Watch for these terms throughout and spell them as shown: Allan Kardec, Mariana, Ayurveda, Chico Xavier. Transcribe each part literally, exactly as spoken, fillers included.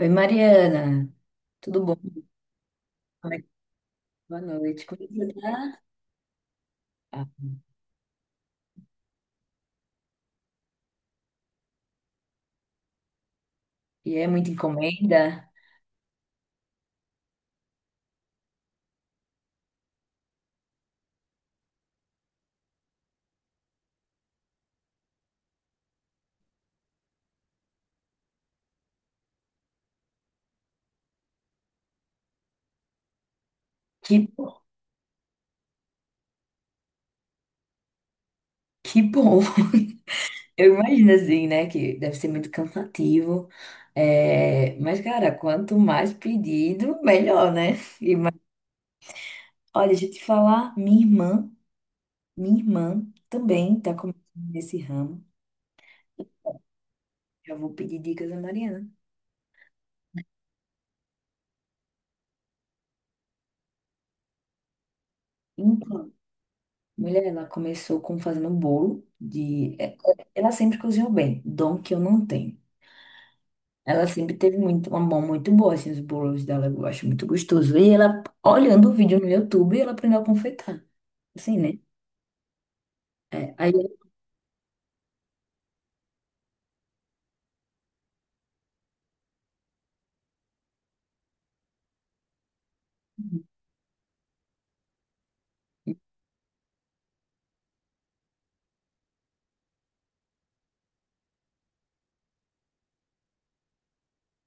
Oi, Mariana, tudo bom? Como é que- tá? Boa noite. Como é que você tá? Ah, e é muita encomenda? Que, que bom! Eu imagino assim, né, que deve ser muito cansativo. É, mas, cara, quanto mais pedido, melhor, né? Olha, deixa eu te falar, minha irmã, minha irmã também tá começando nesse ramo. Já vou pedir dicas a Mariana. Então, mulher, ela começou com fazendo bolo de... é, Ela sempre cozinhou bem, dom que eu não tenho. Ela sempre teve muito, uma mão muito boa, assim, os bolos dela, eu acho muito gostoso. E ela, olhando o vídeo no YouTube, ela aprendeu a confeitar, assim, né? É, aí,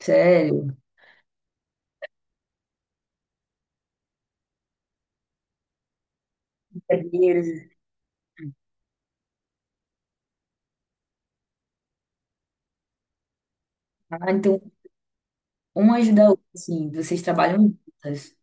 Sério, brincadeiras. Assim, ah, então, uma ajuda a outra, assim, vocês trabalham juntas.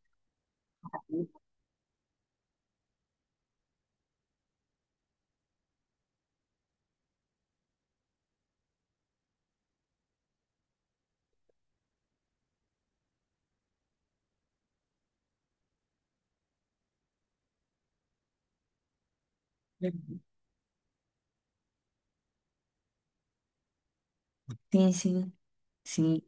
Sim, sim, sim.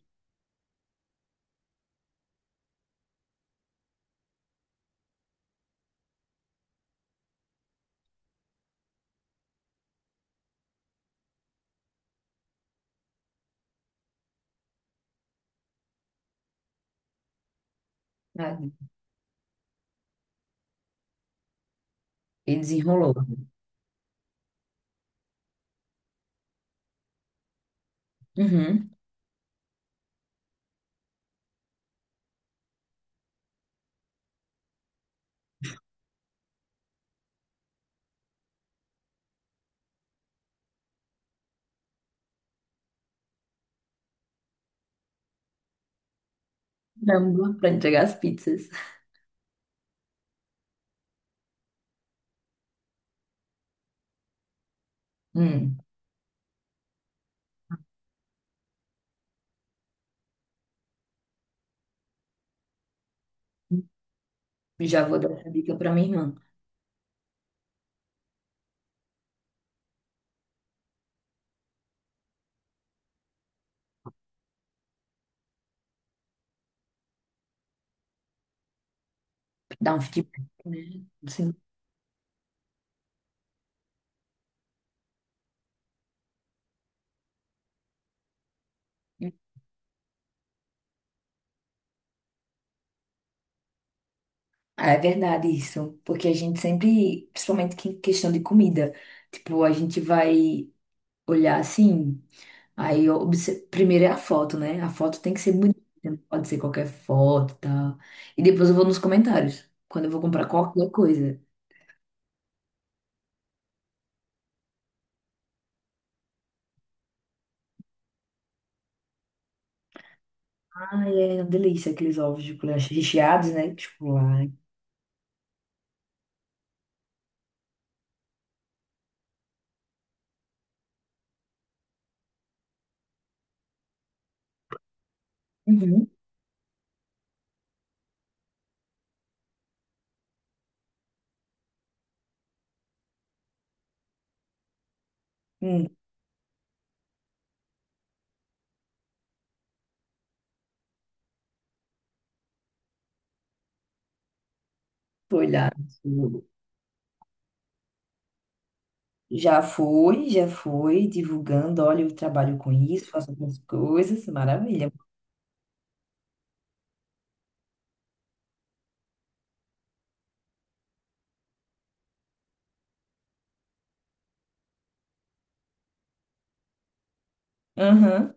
Sabe? E desenrolou. Uhum. Caramba, pra entregar as pizzas. Hum. Já vou dar essa dica pra minha irmã. Dar um feedback, né? Sim. Ah, é verdade isso, porque a gente sempre, principalmente que- questão de comida, tipo, a gente vai olhar assim, aí obse- primeiro é a foto, né? A foto tem que ser bonita, não pode ser qualquer foto e tal. E depois eu vou nos comentários, quando eu vou comprar qualquer coisa. Ai, é uma delícia aqueles ovos de colher recheados, né? Tipo, lá. Uhum. Hum, vou olhar. Já foi, já foi divulgando, olha, eu trabalho com isso, faço algumas coisas, maravilha. Aham.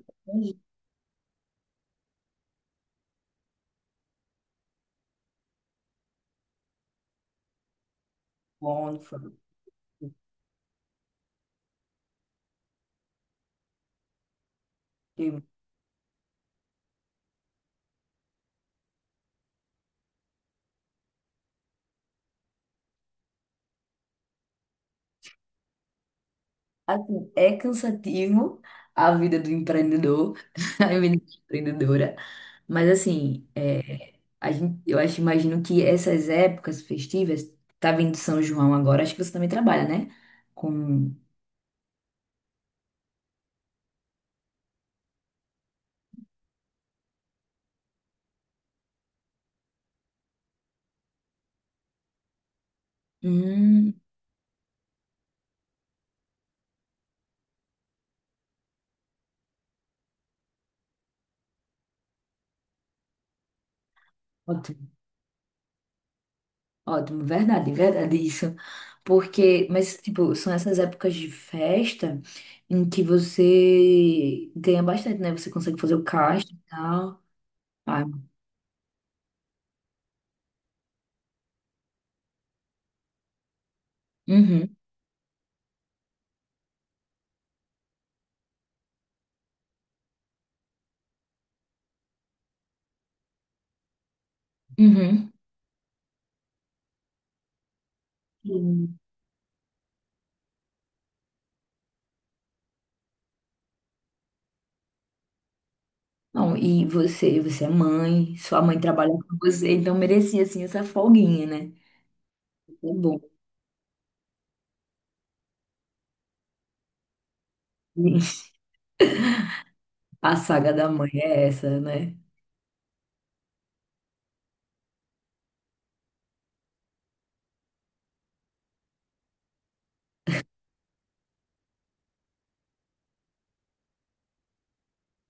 Wonderful. E, assim, é cansativo a vida do empreendedor, a vida de empreendedora, mas assim, é, a gente, eu acho, imagino que essas épocas festivas, tá vindo São João agora, acho que você também trabalha, né? Com... Hum, ótimo, ótimo, verdade, verdade isso. Porque, mas, tipo, são essas épocas de festa em que você ganha bastante, né? Você consegue fazer o caixa e tal. Ah, uhum, uhum. Sim. Não, e você, você é mãe, sua mãe trabalha com você, então merecia assim essa folguinha, né? É bom. A saga da mãe é essa, né?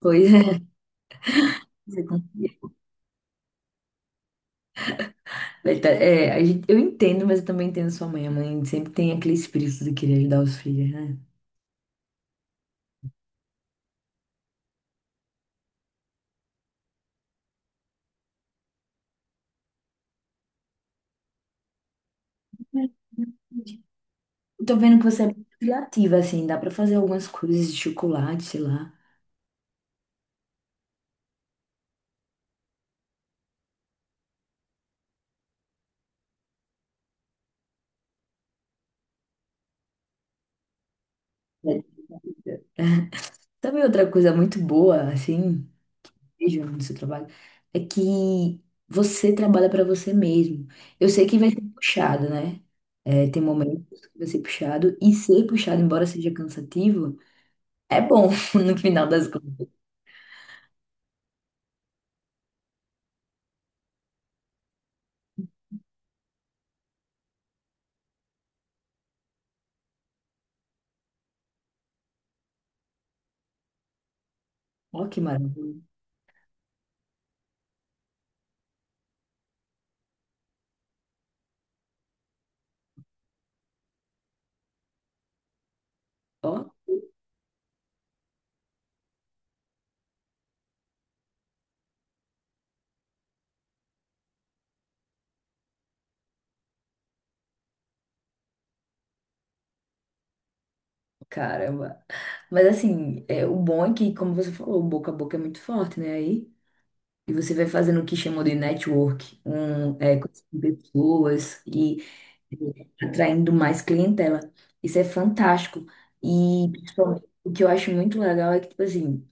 Pois é. Você confia. Vai tá- É, a gente- eu entendo, mas eu também entendo sua mãe. A mãe sempre tem aquele espírito de querer ajudar os filhos, né? Verdade. Eu tô vendo que você é muito criativa, assim, dá pra fazer algumas coisas de chocolate, sei lá. É, sabe outra coisa muito boa, assim? Mesmo no seu trabalho é que você trabalha para você mesmo. Eu sei que vai ser puxado, né? É, tem momentos que vai ser puxado, e ser puxado, embora seja cansativo, é bom no final das contas. Ó, que maravilha. Ó, caramba. Mas assim, é, o bom é que, como você falou, o boca a boca é muito forte, né? Aí, e você vai fazendo o que chamam de network, um, é, conhecendo pessoas atraindo mais clientela. Isso é fantástico. E principalmente, o que eu acho muito legal é que, tipo assim,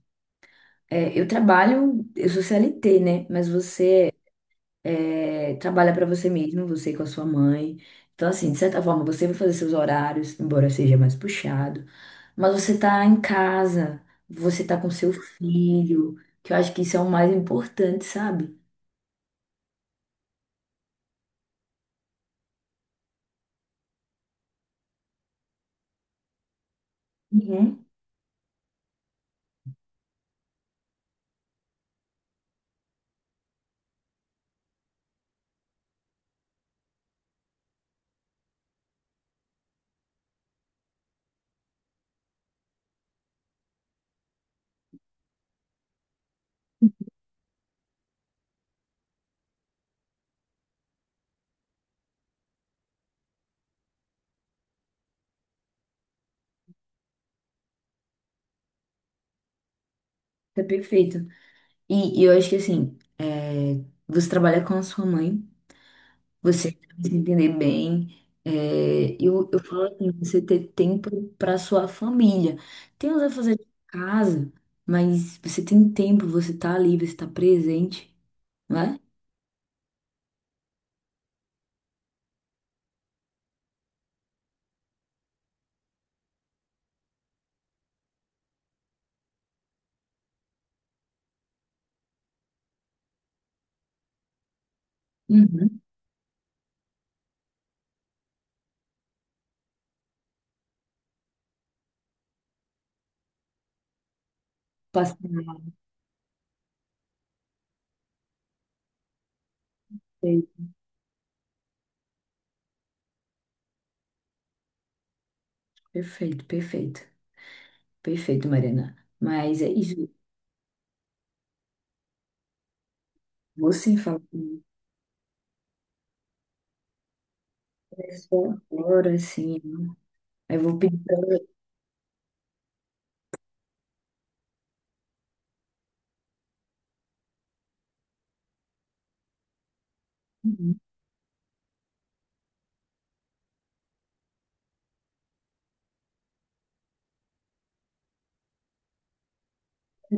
é, eu trabalho, eu sou C L T, né? Mas você é, trabalha para você mesmo, você com a sua mãe. Então, assim, de certa forma, você vai fazer seus horários, embora seja mais puxado. Mas você tá em casa, você tá com seu filho, que eu acho que isso é o mais importante, sabe? Uhum. É perfeito. E, e eu acho que, assim, é, você trabalha com a sua mãe. Você se entender bem. É, eu, eu falo assim, você ter tempo para sua família. Tem os afazeres de casa, mas você tem tempo, você tá ali, você tá presente, né? Uhum. Passa- perfeito, perfeito, perfeito, perfeito, Mariana. Mas é isso. Você fala comigo é só agora, assim. Eu vou pedir pra ela.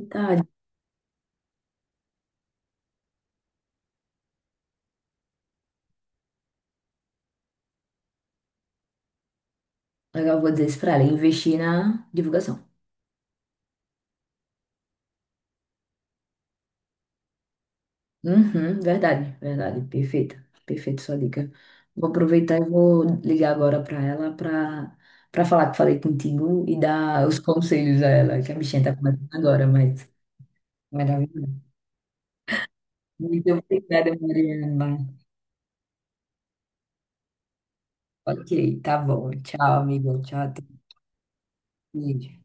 Tá, eu vou dizer isso pra ela, investir na divulgação. Uhum, verdade, verdade, perfeita, perfeita sua dica. Vou aproveitar e vou ligar agora para ela para para falar que falei contigo e dar os conselhos a ela, que a bichinha tá começando agora, mas maravilha. Muito obrigada, Mariana. Ok, tá bom. Tchau, amigo. Tchau, até. Beijo.